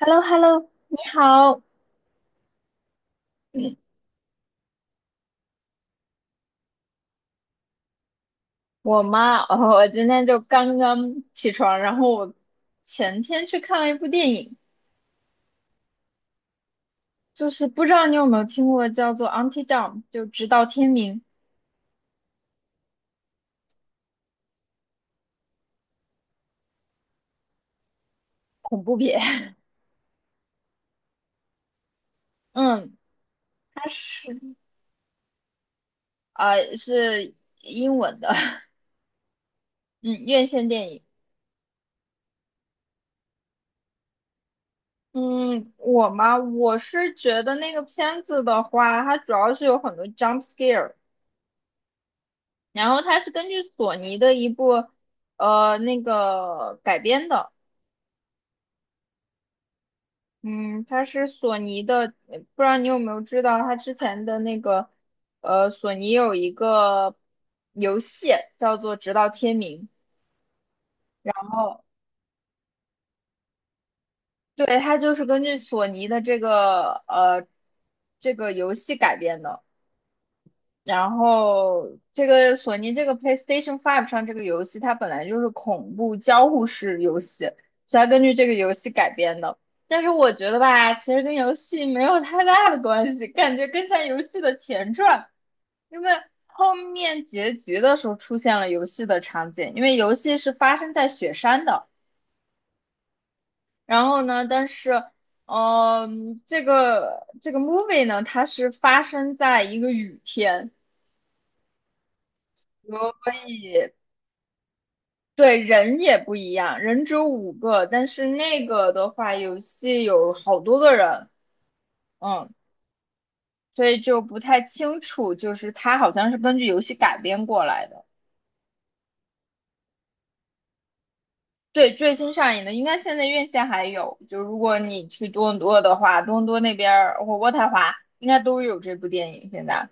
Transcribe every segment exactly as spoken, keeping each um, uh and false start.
h e l l o h e l l o 你好。嗯，我妈，呃，我今天就刚刚起床，然后我前天去看了一部电影，就是不知道你有没有听过叫做《Until Dawn》,就直到天明恐怖片。嗯，它是呃是英文的，嗯，院线电影。嗯，我嘛，我是觉得那个片子的话，它主要是有很多 jump scare,然后它是根据索尼的一部呃那个改编的。嗯，它是索尼的，呃不知道你有没有知道，它之前的那个，呃，索尼有一个游戏叫做《直到天明》。哦，对，它就是根据索尼的这个呃这个游戏改编的。然后这个索尼这个 PlayStation Five 上这个游戏，它本来就是恐怖交互式游戏，所以它根据这个游戏改编的。但是我觉得吧，其实跟游戏没有太大的关系，感觉更像游戏的前传，因为后面结局的时候出现了游戏的场景，因为游戏是发生在雪山的。然后呢，但是，嗯、这个这个 movie 呢，它是发生在一个雨天。对，人也不一样，人只有五个，但是那个的话，游戏有好多个人。嗯，所以就不太清楚，就是它好像是根据游戏改编过来的。对，最新上映的，应该现在院线还有，就如果你去多伦多的话，多伦多那边儿或渥太华应该都有这部电影现在。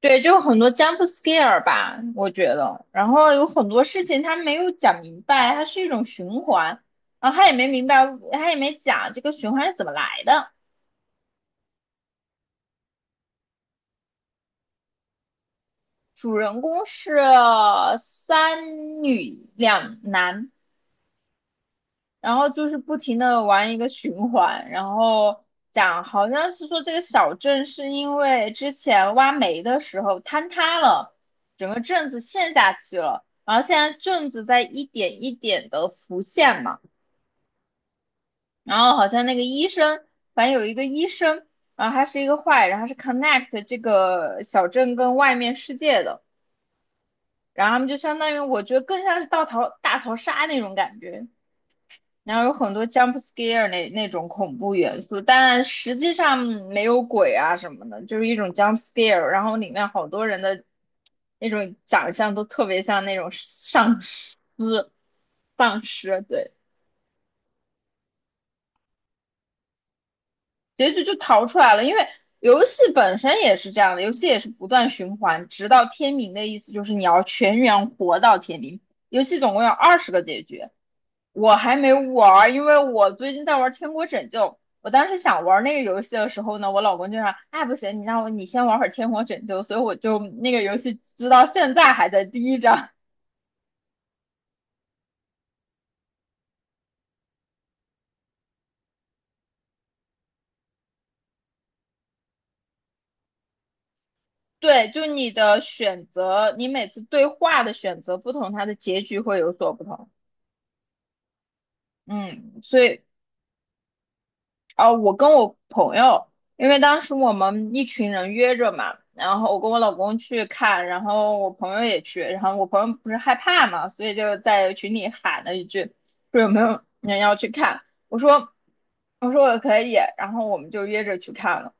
对，就很多 jump scare 吧，我觉得。然后有很多事情他没有讲明白，它是一种循环，然后他也没明白，他也没讲这个循环是怎么来的。主人公是三女两男，然后就是不停的玩一个循环，然后讲好像是说这个小镇是因为之前挖煤的时候坍塌了，整个镇子陷下去了，然后现在镇子在一点一点的浮现嘛，然后好像那个医生，反正有一个医生，然后他是一个坏人，他是 connect 这个小镇跟外面世界的，然后他们就相当于我觉得更像是大逃大逃杀那种感觉。然后有很多 jump scare 那那种恐怖元素，但实际上没有鬼啊什么的，就是一种 jump scare。然后里面好多人的那种长相都特别像那种丧尸，丧尸，对，结局就逃出来了。因为游戏本身也是这样的，游戏也是不断循环，直到天明的意思就是你要全员活到天明。游戏总共有二十个结局，我还没玩因为我最近在玩《天国拯救》。我当时想玩那个游戏的时候呢，我老公就让，哎，不行，你让我你先玩会儿《天国拯救》，所以我就那个游戏直到现在还在第一章。对，就你的选择，你每次对话的选择不同，它的结局会有所不同。嗯，所以啊，我跟我朋友，因为当时我们一群人约着嘛，然后我跟我老公去看，然后我朋友也去，然后我朋友不是害怕嘛，所以就在群里喊了一句，说有没有人要去看？我说，我说我可以，然后我们就约着去看了。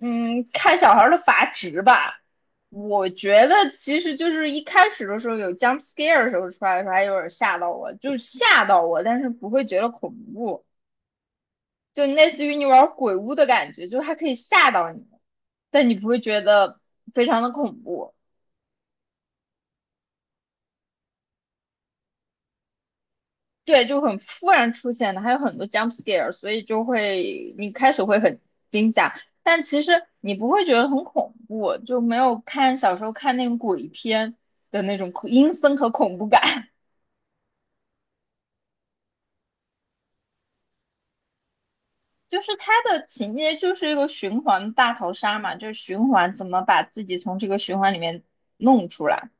嗯，看小孩儿的阀值吧，我觉得其实就是一开始的时候有 jump scare 的时候出来的时候还有点吓到我，就是吓到我，但是不会觉得恐怖。就类似于你玩鬼屋的感觉，就是它可以吓到你，但你不会觉得非常的恐怖。对，就很突然出现的，还有很多 jump scare,所以就会你开始会很惊吓，但其实你不会觉得很恐怖，就没有看小时候看那种鬼片的那种恐阴森和恐怖感。就是它的情节就是一个循环大逃杀嘛，就是循环怎么把自己从这个循环里面弄出来。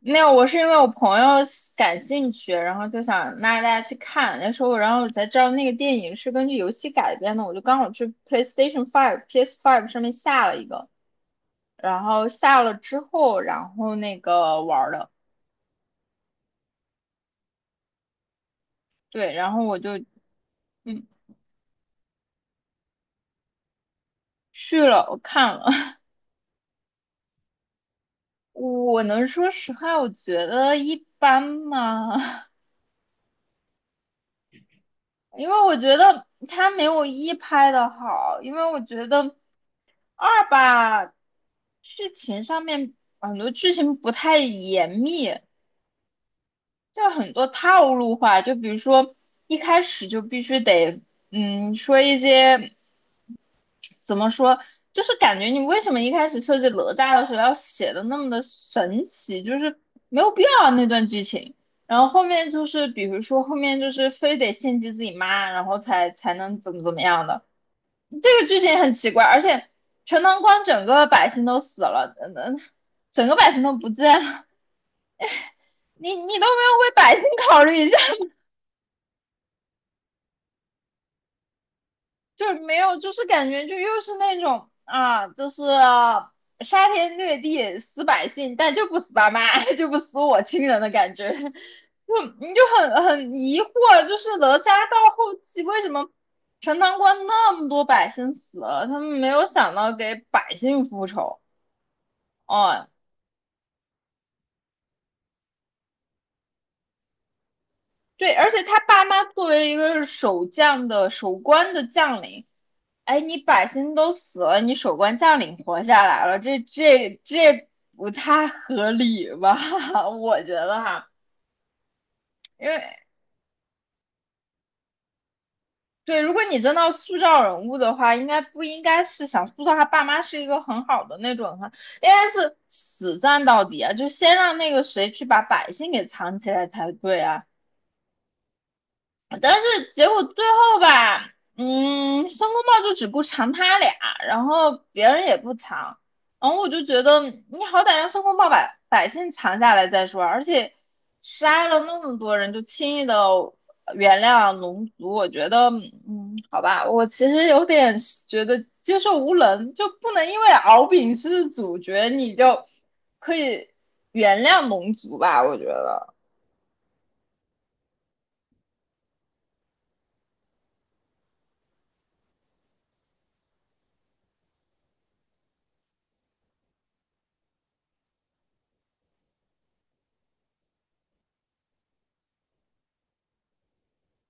没有，我是因为我朋友喜感兴趣，然后就想拉着大家去看。那时候，然后我才知道那个电影是根据游戏改编的。我就刚好去 PlayStation Five、P S Five 上面下了一个，然后下了之后，然后那个玩儿的，对，然后我就嗯去了，我看了。我能说实话，我觉得一般嘛，因为我觉得它没有一拍的好，因为我觉得。二吧，剧情上面很多剧情不太严密，就很多套路化。就比如说一开始就必须得，嗯，说一些怎么说，就是感觉你为什么一开始设计哪吒的时候要写的那么的神奇，就是没有必要啊那段剧情。然后后面就是，比如说后面就是非得献祭自己妈，然后才才能怎么怎么样的。这个剧情很奇怪，而且全唐关整个百姓都死了，嗯，嗯整个百姓都不见了，你你都没有为百姓考虑一下，就是没有，就是感觉就又是那种啊，就是杀天掠地死百姓，但就不死爸妈，就不死我亲人的感觉，就你就很很疑惑，就是哪吒到后期为什么？全唐关那么多百姓死了，他们没有想到给百姓复仇。哦，对，而且他爸妈作为一个守将的守关的将领，哎，你百姓都死了，你守关将领活下来了，这这这不太合理吧？我觉得哈，因为对，如果你真的要塑造人物的话，应该不应该是想塑造他爸妈是一个很好的那种，哈，应该是死战到底啊，就先让那个谁去把百姓给藏起来才对啊。但是结果最后吧，嗯，申公豹就只顾藏他俩，然后别人也不藏，然后我就觉得你好歹让申公豹把百姓藏下来再说，而且杀了那么多人就轻易的原谅龙族，我觉得，嗯，好吧，我其实有点觉得接受无能，就不能因为敖丙是主角你就可以原谅龙族吧，我觉得。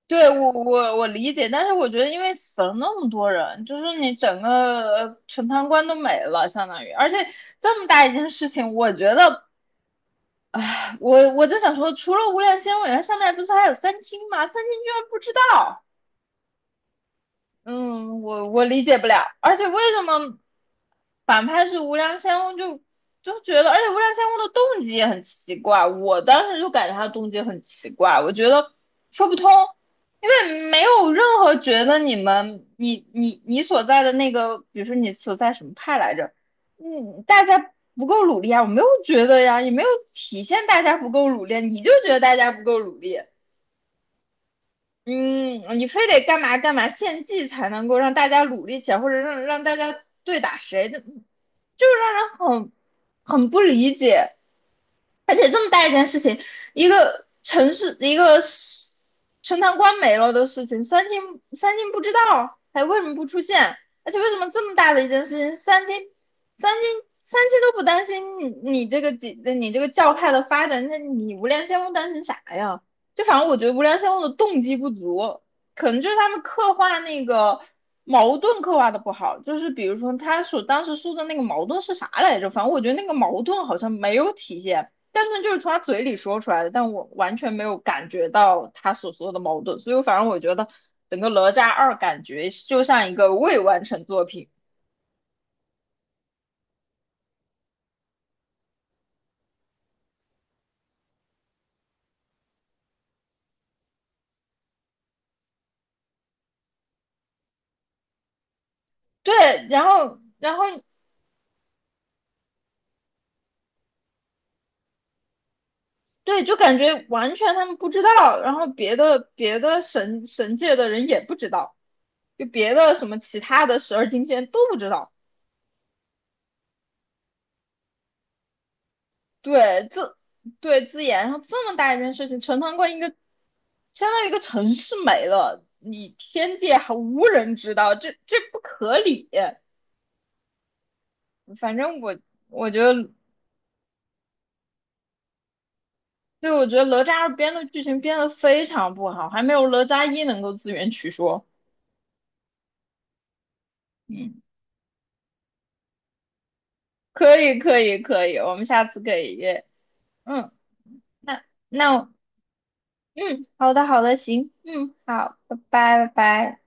对，我我我理解，但是我觉得，因为死了那么多人，就是你整个呃全判官都没了，相当于，而且这么大一件事情，我觉得我我就想说，除了无量仙委员，上面不是还有三清吗？三清居然不知道。嗯，我我理解不了，而且为什么反派是无良仙翁就就觉得，而且无良仙翁的动机也很奇怪，我当时就感觉他动机很奇怪，我觉得说不通，因为没有任何觉得你们你你你所在的那个，比如说你所在什么派来着，嗯，大家不够努力啊，我没有觉得呀，也没有体现大家不够努力，你就觉得大家不够努力，嗯，你非得干嘛干嘛献祭才能够让大家努力起来，或者让让大家对打谁的，就是让人很很不理解。而且这么大一件事情，一个城市一个城陈塘关没了的事情，三金三金不知道，还为什么不出现？而且为什么这么大的一件事情，三金三金三金都不担心你你这个几你这个教派的发展，那你无量仙翁担心啥呀？就反正我觉得无量仙翁的动机不足，可能就是他们刻画那个矛盾刻画的不好，就是比如说他所当时说的那个矛盾是啥来着？反正我觉得那个矛盾好像没有体现。但是就是从他嘴里说出来的，但我完全没有感觉到他所说的矛盾，所以我反正我觉得整个《哪吒二》感觉就像一个未完成作品。对，然后然后对，就感觉完全他们不知道，然后别的别的神神界的人也不知道，就别的什么其他的十二金仙都不知道。对，自对自研，然后这么大一件事情，陈塘关一个相当于一个城市没了，你天界还无人知道，这这不可理。反正我我觉得，对，我觉得哪吒二编的剧情编的非常不好，还没有哪吒一能够自圆其说。嗯，可以，可以，可以，我们下次可以约。嗯，那那嗯，好的，好的，行，嗯，好，拜拜，拜拜。